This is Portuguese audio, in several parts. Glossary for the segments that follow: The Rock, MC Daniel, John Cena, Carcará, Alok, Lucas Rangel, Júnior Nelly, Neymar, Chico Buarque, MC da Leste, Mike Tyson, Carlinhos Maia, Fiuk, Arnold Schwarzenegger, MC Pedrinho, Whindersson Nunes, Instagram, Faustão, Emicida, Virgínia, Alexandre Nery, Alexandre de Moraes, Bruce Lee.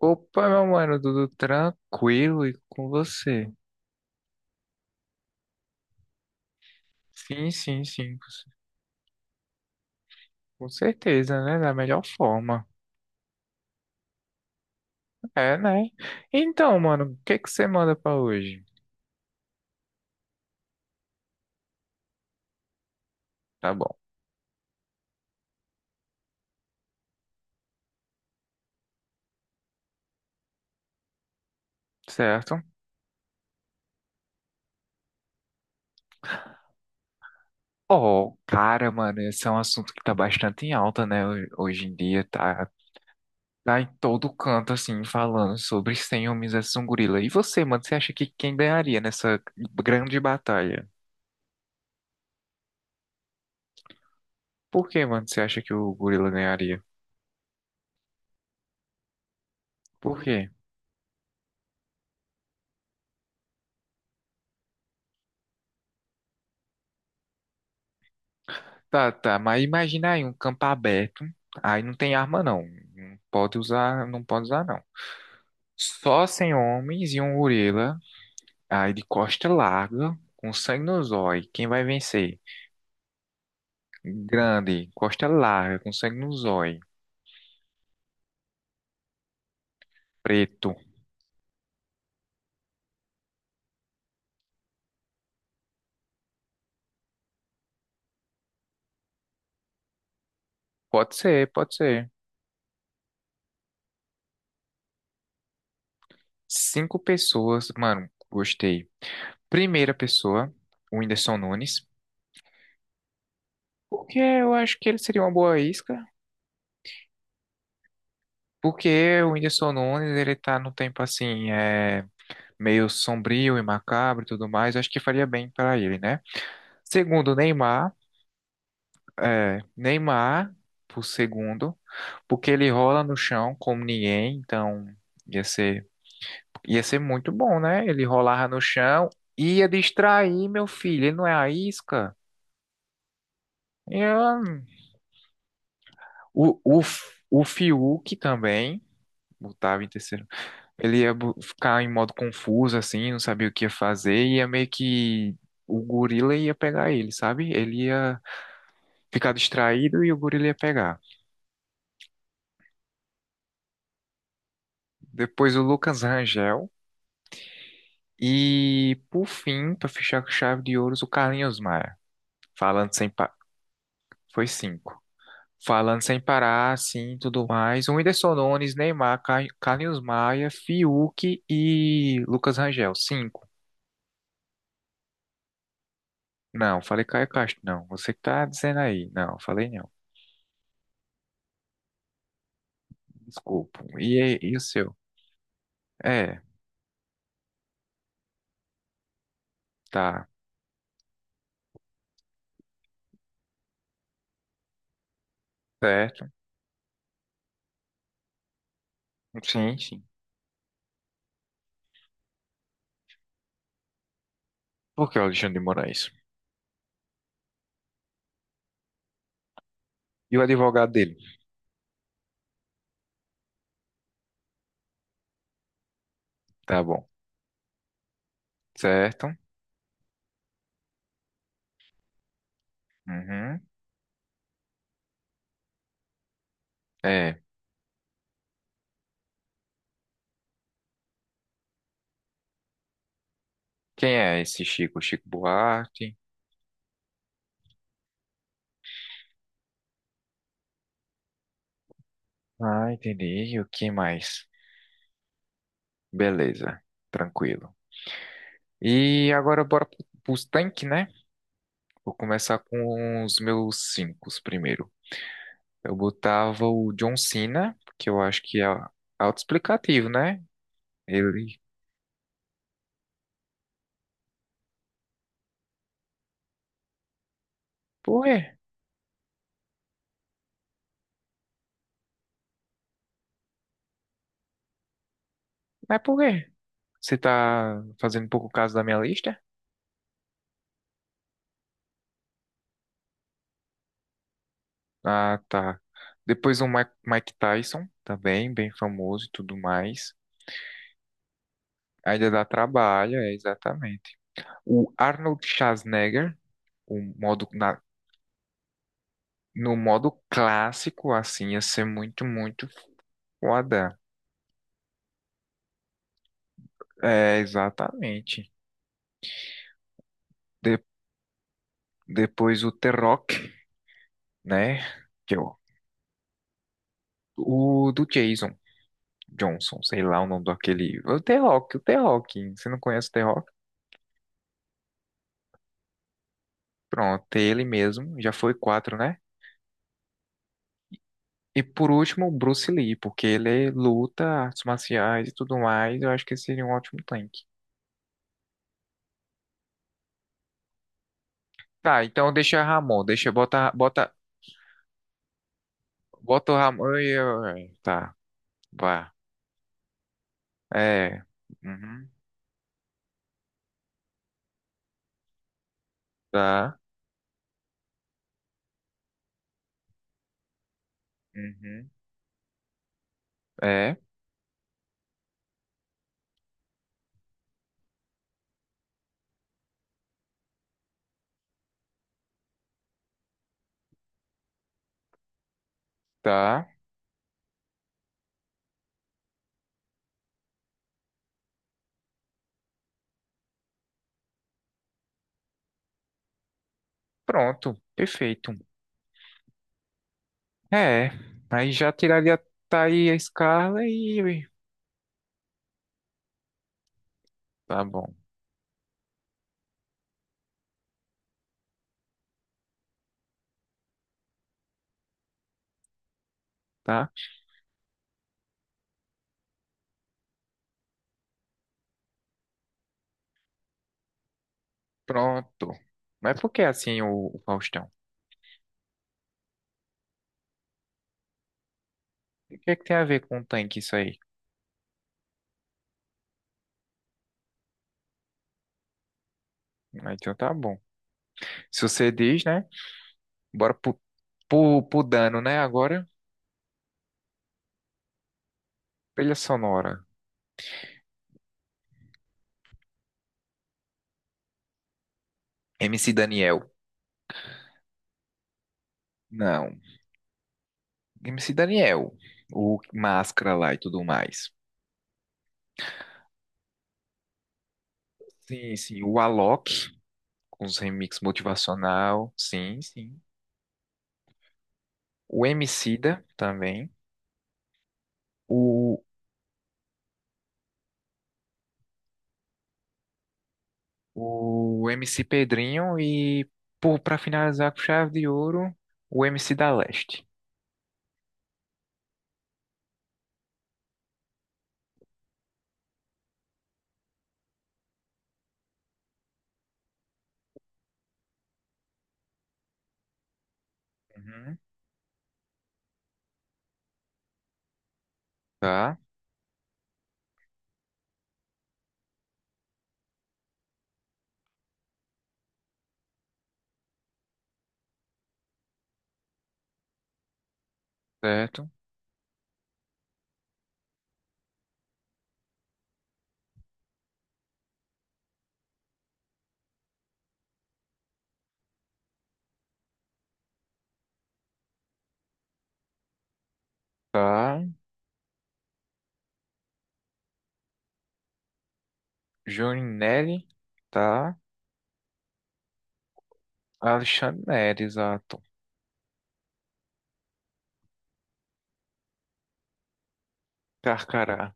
Opa, meu mano, tudo tranquilo e com você? Sim, sim, sim, com certeza, né? Da melhor forma. É, né? Então, mano, o que que você manda pra hoje? Tá bom, certo? Oh, cara, mano, esse é um assunto que tá bastante em alta, né? Hoje em dia tá em todo canto, assim, falando sobre 100 homens versus um gorila. E você, mano, você acha que quem ganharia nessa grande batalha? Por que, mano, você acha que o gorila ganharia? Por quê? Tá, tá, mas imagina aí um campo aberto, aí não tem arma não, não pode usar, não pode usar não. Só sem homens e um gorila, aí de costa larga, com sangue no zóio, quem vai vencer? Grande, costa larga, com sangue no zóio, preto. Pode ser, pode ser. Cinco pessoas, mano, gostei. Primeira pessoa, o Whindersson Nunes, porque eu acho que ele seria uma boa isca, porque o Whindersson Nunes, ele tá no tempo assim, é meio sombrio e macabro e tudo mais, eu acho que faria bem para ele, né? Segundo Neymar, é, Neymar por segundo, porque ele rola no chão como ninguém, então ia ser ia ser muito bom, né? Ele rolava no chão, ia distrair meu filho, ele não é a isca. É, o Fiuk também botava em terceiro. Ele ia ficar em modo confuso, assim, não sabia o que ia fazer, e ia meio que. O gorila ia pegar ele, sabe? Ele ia ficar distraído e o gorila ia pegar. Depois o Lucas Rangel. E, por fim, para fechar com chave de ouros, o Carlinhos Maia. Falando sem pa... Foi cinco. Falando sem parar, assim, tudo mais. O Whindersson Nunes, Neymar, Carlinhos Maia, Fiuk e Lucas Rangel. Cinco. Não, falei Caio Castro, não. Você que tá dizendo aí. Não, falei não. Desculpa. E, aí, e o seu? É, tá. Certo. Sim, sim. Por que o Alexandre de Moraes? E o advogado dele? Tá bom. Certo. Uhum. É. Quem é esse Chico? Chico Buarque. Ah, entendi. E o que mais? Beleza. Tranquilo. E agora bora pros tanques, né? Vou começar com os meus cinco primeiro. Eu botava o John Cena, que eu acho que é autoexplicativo, né? Ele. Por quê? Mas por quê? Você tá fazendo um pouco caso da minha lista? Ah, tá. Depois o Mike Tyson, também, bem famoso e tudo mais. Ainda dá trabalho, é exatamente. O Arnold Schwarzenegger, o modo, na- no modo clássico, assim, ia ser muito, muito foda. É, exatamente. De- Depois o The Rock, né? Que é o do Jason Johnson, sei lá o nome daquele. O The Rock, o The Rock. Você não conhece o The Rock? Pronto, ele mesmo. Já foi quatro, né? E por último, o Bruce Lee, porque ele luta, artes marciais e tudo mais. Eu acho que seria um ótimo tank. Tá, então deixa Ramon, deixa, bota, bota, bota o Ramon. É, tá, vá. É. Uhum, tá. Uhum, é, tá. Pronto, perfeito. É, aí já tiraria tá aí a escala e. Tá bom, tá? Pronto. Mas por que assim o Faustão? O que é que tem a ver com o tanque isso aí? Ah, então tá bom. Se você diz, né? Bora pro dano, né? Agora, trilha sonora. MC Daniel. Não. MC Daniel, o Máscara lá e tudo mais. Sim, sim. O Alok, com os remix motivacional, sim, sim. O Emicida também. O, o MC Pedrinho e, pra finalizar com chave de ouro, o MC da Leste. Uhum. Tá, certo. Tá. Júnior Nelly, tá. Alexandre Nery, exato. Carcará.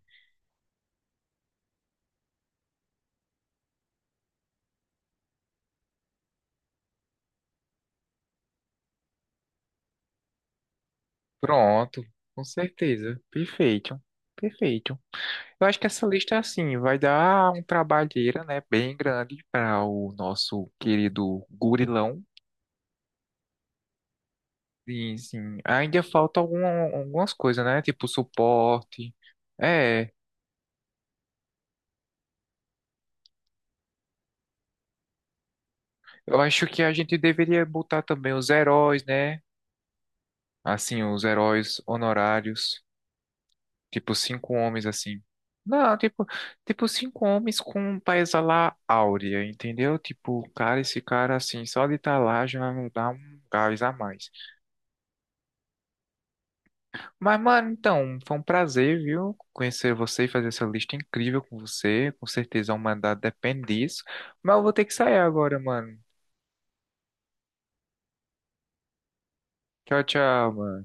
Pronto, com certeza. Perfeito. Perfeito. Eu acho que essa lista, é assim, vai dar um trabalheira, né, bem grande para o nosso querido gurilão. E, assim, ainda falta algumas coisas, né, tipo suporte. É, eu acho que a gente deveria botar também os heróis, né, assim, os heróis honorários, tipo cinco homens, assim. Não, tipo cinco homens com um paisa lá áurea, entendeu? Tipo, cara, esse cara, assim, só de estar lá já dá um gás a mais. Mas, mano, então, foi um prazer, viu? Conhecer você e fazer essa lista incrível com você. Com certeza, uma mandado depende disso. Mas eu vou ter que sair agora, mano. Tchau, tchau, mano.